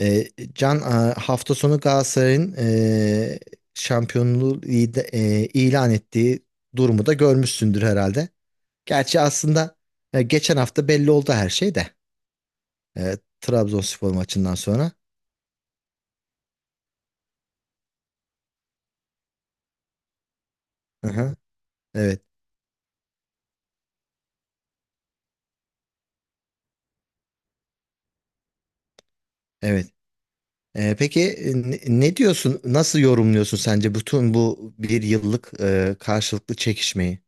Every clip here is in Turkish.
E, Can, hafta sonu Galatasaray'ın şampiyonluğu ilan ettiği durumu da görmüşsündür herhalde. Gerçi aslında geçen hafta belli oldu her şey de Trabzonspor maçından sonra. Hı hı. Evet, evet. Peki, ne diyorsun? Nasıl yorumluyorsun sence bütün bu bir yıllık karşılıklı çekişmeyi?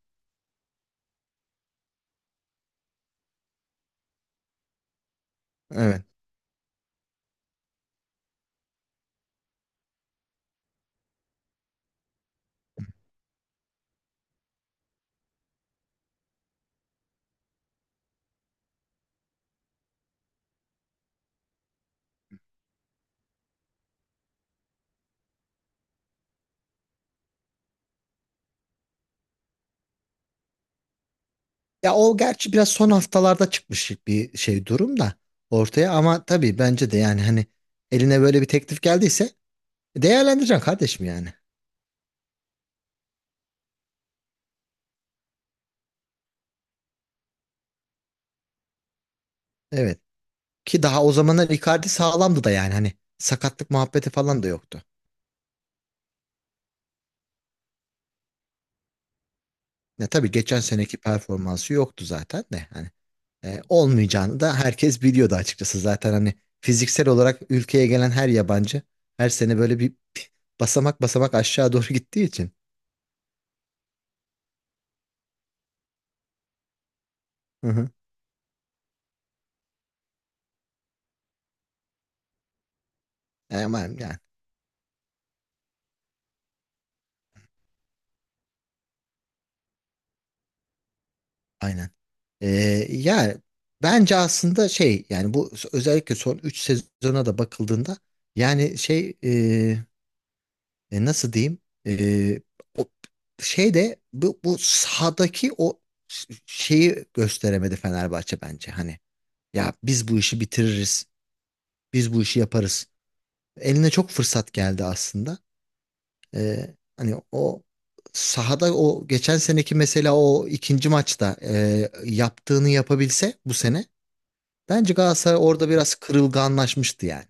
Evet. Ya o gerçi biraz son haftalarda çıkmış bir şey durum da ortaya, ama tabii bence de, yani hani, eline böyle bir teklif geldiyse değerlendireceksin kardeşim yani. Evet. Ki daha o zamanlar Icardi sağlamdı da, yani hani sakatlık muhabbeti falan da yoktu. Ya tabii geçen seneki performansı yoktu zaten de, hani olmayacağını da herkes biliyordu açıkçası. Zaten hani fiziksel olarak ülkeye gelen her yabancı her sene böyle bir basamak basamak aşağı doğru gittiği için. Hı hı. Ama yani. Aynen. Ee, Ya bence aslında şey, yani bu özellikle son 3 sezona da bakıldığında, yani şey, nasıl diyeyim, e, o şey de, bu sahadaki o şeyi gösteremedi Fenerbahçe bence. Hani ya biz bu işi bitiririz, biz bu işi yaparız. Eline çok fırsat geldi aslında. Hani o sahada, o geçen seneki mesela o ikinci maçta yaptığını yapabilse bu sene. Bence Galatasaray orada biraz kırılganlaşmıştı yani.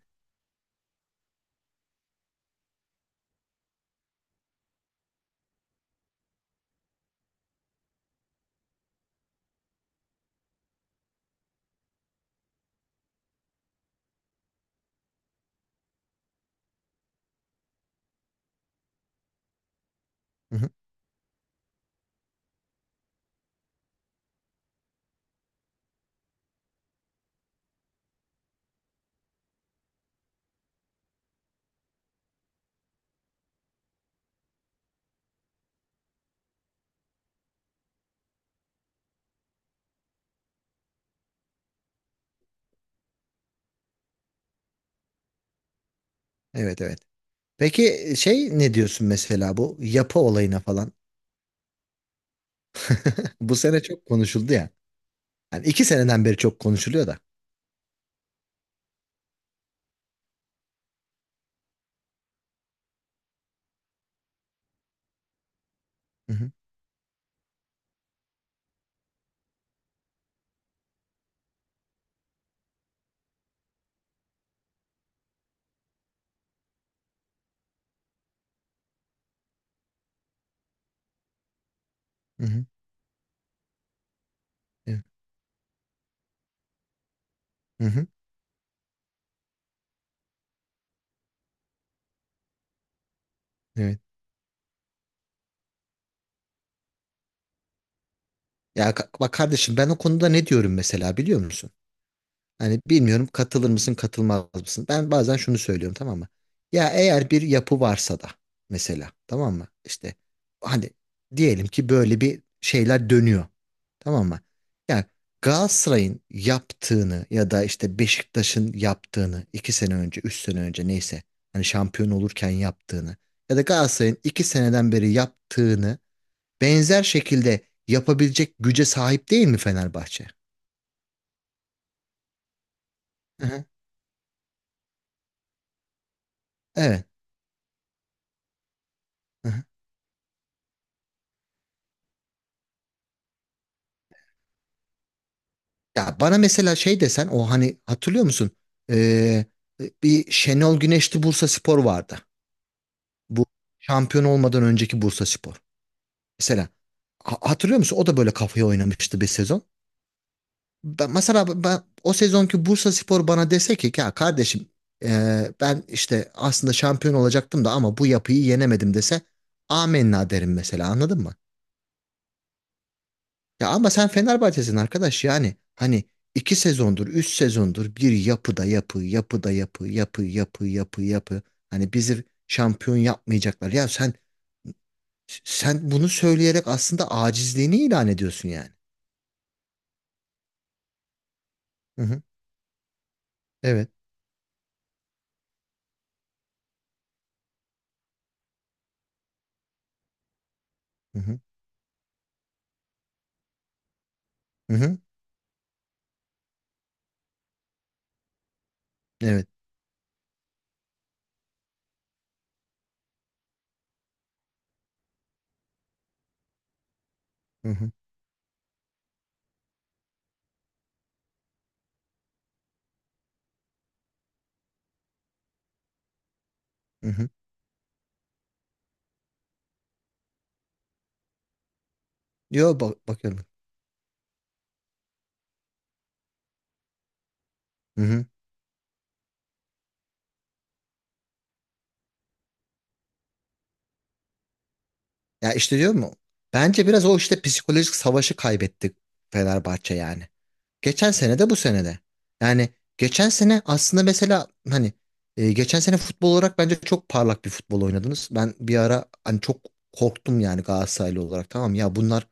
Hı hı. Evet, evet. Peki, şey, ne diyorsun mesela bu yapı olayına falan? Bu sene çok konuşuldu ya. Yani iki seneden beri çok konuşuluyor da. Hı hı. Hı hı. Evet. Hı hı. Evet. Ya, bak kardeşim, ben o konuda ne diyorum mesela biliyor musun? Hani bilmiyorum katılır mısın katılmaz mısın? Ben bazen şunu söylüyorum, tamam mı? Ya eğer bir yapı varsa da mesela, tamam mı? İşte hani diyelim ki böyle bir şeyler dönüyor, tamam mı? Yani Galatasaray'ın yaptığını ya da işte Beşiktaş'ın yaptığını, iki sene önce üç sene önce neyse, hani şampiyon olurken yaptığını, ya da Galatasaray'ın iki seneden beri yaptığını benzer şekilde yapabilecek güce sahip değil mi Fenerbahçe? Hı hı. Evet. Hı hı. Ya, bana mesela şey desen o, hani hatırlıyor musun? Ee, Bir Şenol Güneşli Bursaspor vardı. Bu şampiyon olmadan önceki Bursaspor. Mesela, hatırlıyor musun? O da böyle kafaya oynamıştı bir sezon. Mesela ben o sezonki Bursaspor bana dese ki ya kardeşim, ben işte aslında şampiyon olacaktım da ama bu yapıyı yenemedim, dese amenna derim mesela, anladın mı? Ya ama sen Fenerbahçe'sin arkadaş yani. Hani iki sezondur, üç sezondur, bir yapıda yapı, yapıda yapı, yapı, yapı, yapı, yapı. Hani bizi şampiyon yapmayacaklar. Ya, sen bunu söyleyerek aslında acizliğini ilan ediyorsun yani. Hı hı. Evet. Hı hı. Hı hı. Evet. Hı hı. Hı hı. Yo, bak, bakıyorum. Hı hı. Ya işte, diyor mu? Bence biraz o işte psikolojik savaşı kaybettik Fenerbahçe yani. Geçen sene de bu sene de. Yani geçen sene aslında mesela hani, geçen sene futbol olarak bence çok parlak bir futbol oynadınız. Ben bir ara hani çok korktum yani, Galatasaraylı olarak tamam ya, bunlar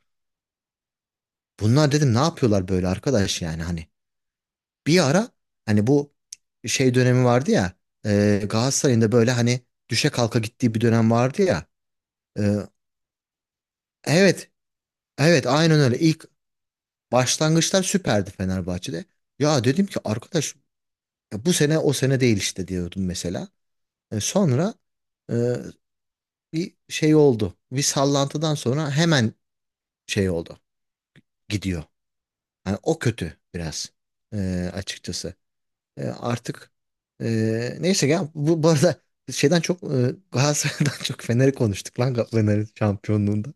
bunlar dedim, ne yapıyorlar böyle arkadaş yani. Hani bir ara hani bu şey dönemi vardı ya, Galatasaray'ın da böyle hani düşe kalka gittiği bir dönem vardı ya. E, evet, evet, aynen öyle. İlk başlangıçlar süperdi Fenerbahçe'de. Ya dedim ki arkadaş, ya bu sene o sene değil işte, diyordum mesela. Sonra e, bir şey oldu. Bir sallantıdan sonra hemen şey oldu. Gidiyor. Yani o kötü biraz, açıkçası. Artık, neyse ya, bu arada şeyden çok, Galatasaray'dan çok Fener'i konuştuk lan, Fener'in şampiyonluğunda.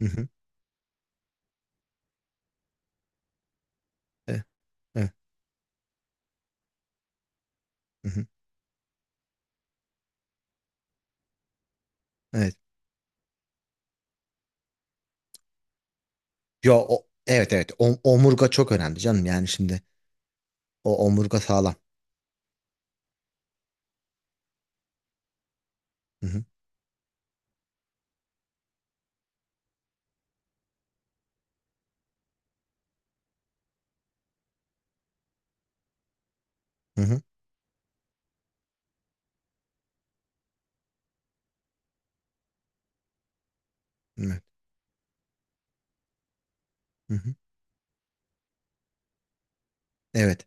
Hı hı. E, e, hı hı. Evet. Yo, evet, evet. Omurga çok önemli canım. Yani şimdi o omurga sağlam. Hı hı. Hı hı. Evet. Hı hı. Evet.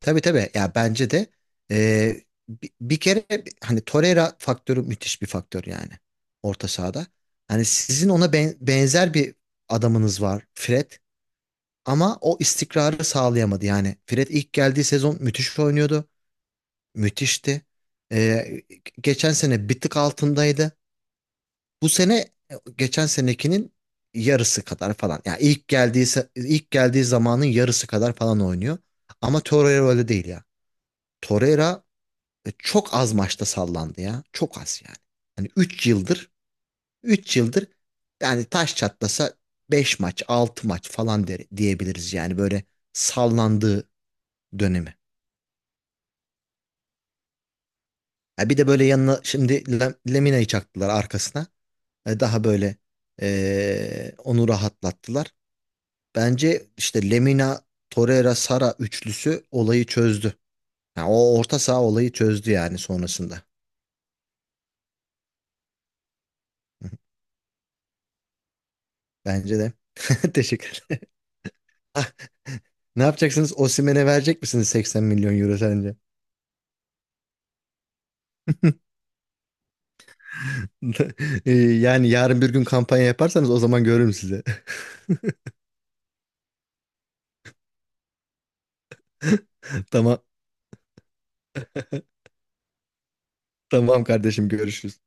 Tabii, tabii, ya bence de, e, bir, kere hani Torreira faktörü müthiş bir faktör yani orta sahada. Hani sizin ona benzer bir adamınız var, Fred, ama o istikrarı sağlayamadı yani. Fred ilk geldiği sezon müthiş oynuyordu. Müthişti. E, Geçen sene bir tık altındaydı. Bu sene geçen senekinin yarısı kadar falan. Yani ilk geldiği zamanın yarısı kadar falan oynuyor. Ama Torreira öyle değil ya. Torreira çok az maçta sallandı ya. Çok az yani. Hani 3 yıldır 3 yıldır yani taş çatlasa 5 maç 6 maç falan diyebiliriz yani, böyle sallandığı dönemi. Ha, bir de böyle yanına şimdi Lemina'yı çaktılar arkasına. Daha böyle onu rahatlattılar. Bence işte Lemina, Torreira, Sara üçlüsü olayı çözdü. Ha, o orta saha olayı çözdü yani sonrasında. Bence de. Teşekkür ederim. Ne yapacaksınız? Osimhen'e verecek misiniz 80 milyon euro sence? Yani yarın bir gün kampanya yaparsanız o zaman görürüm size. Tamam, tamam kardeşim, görüşürüz.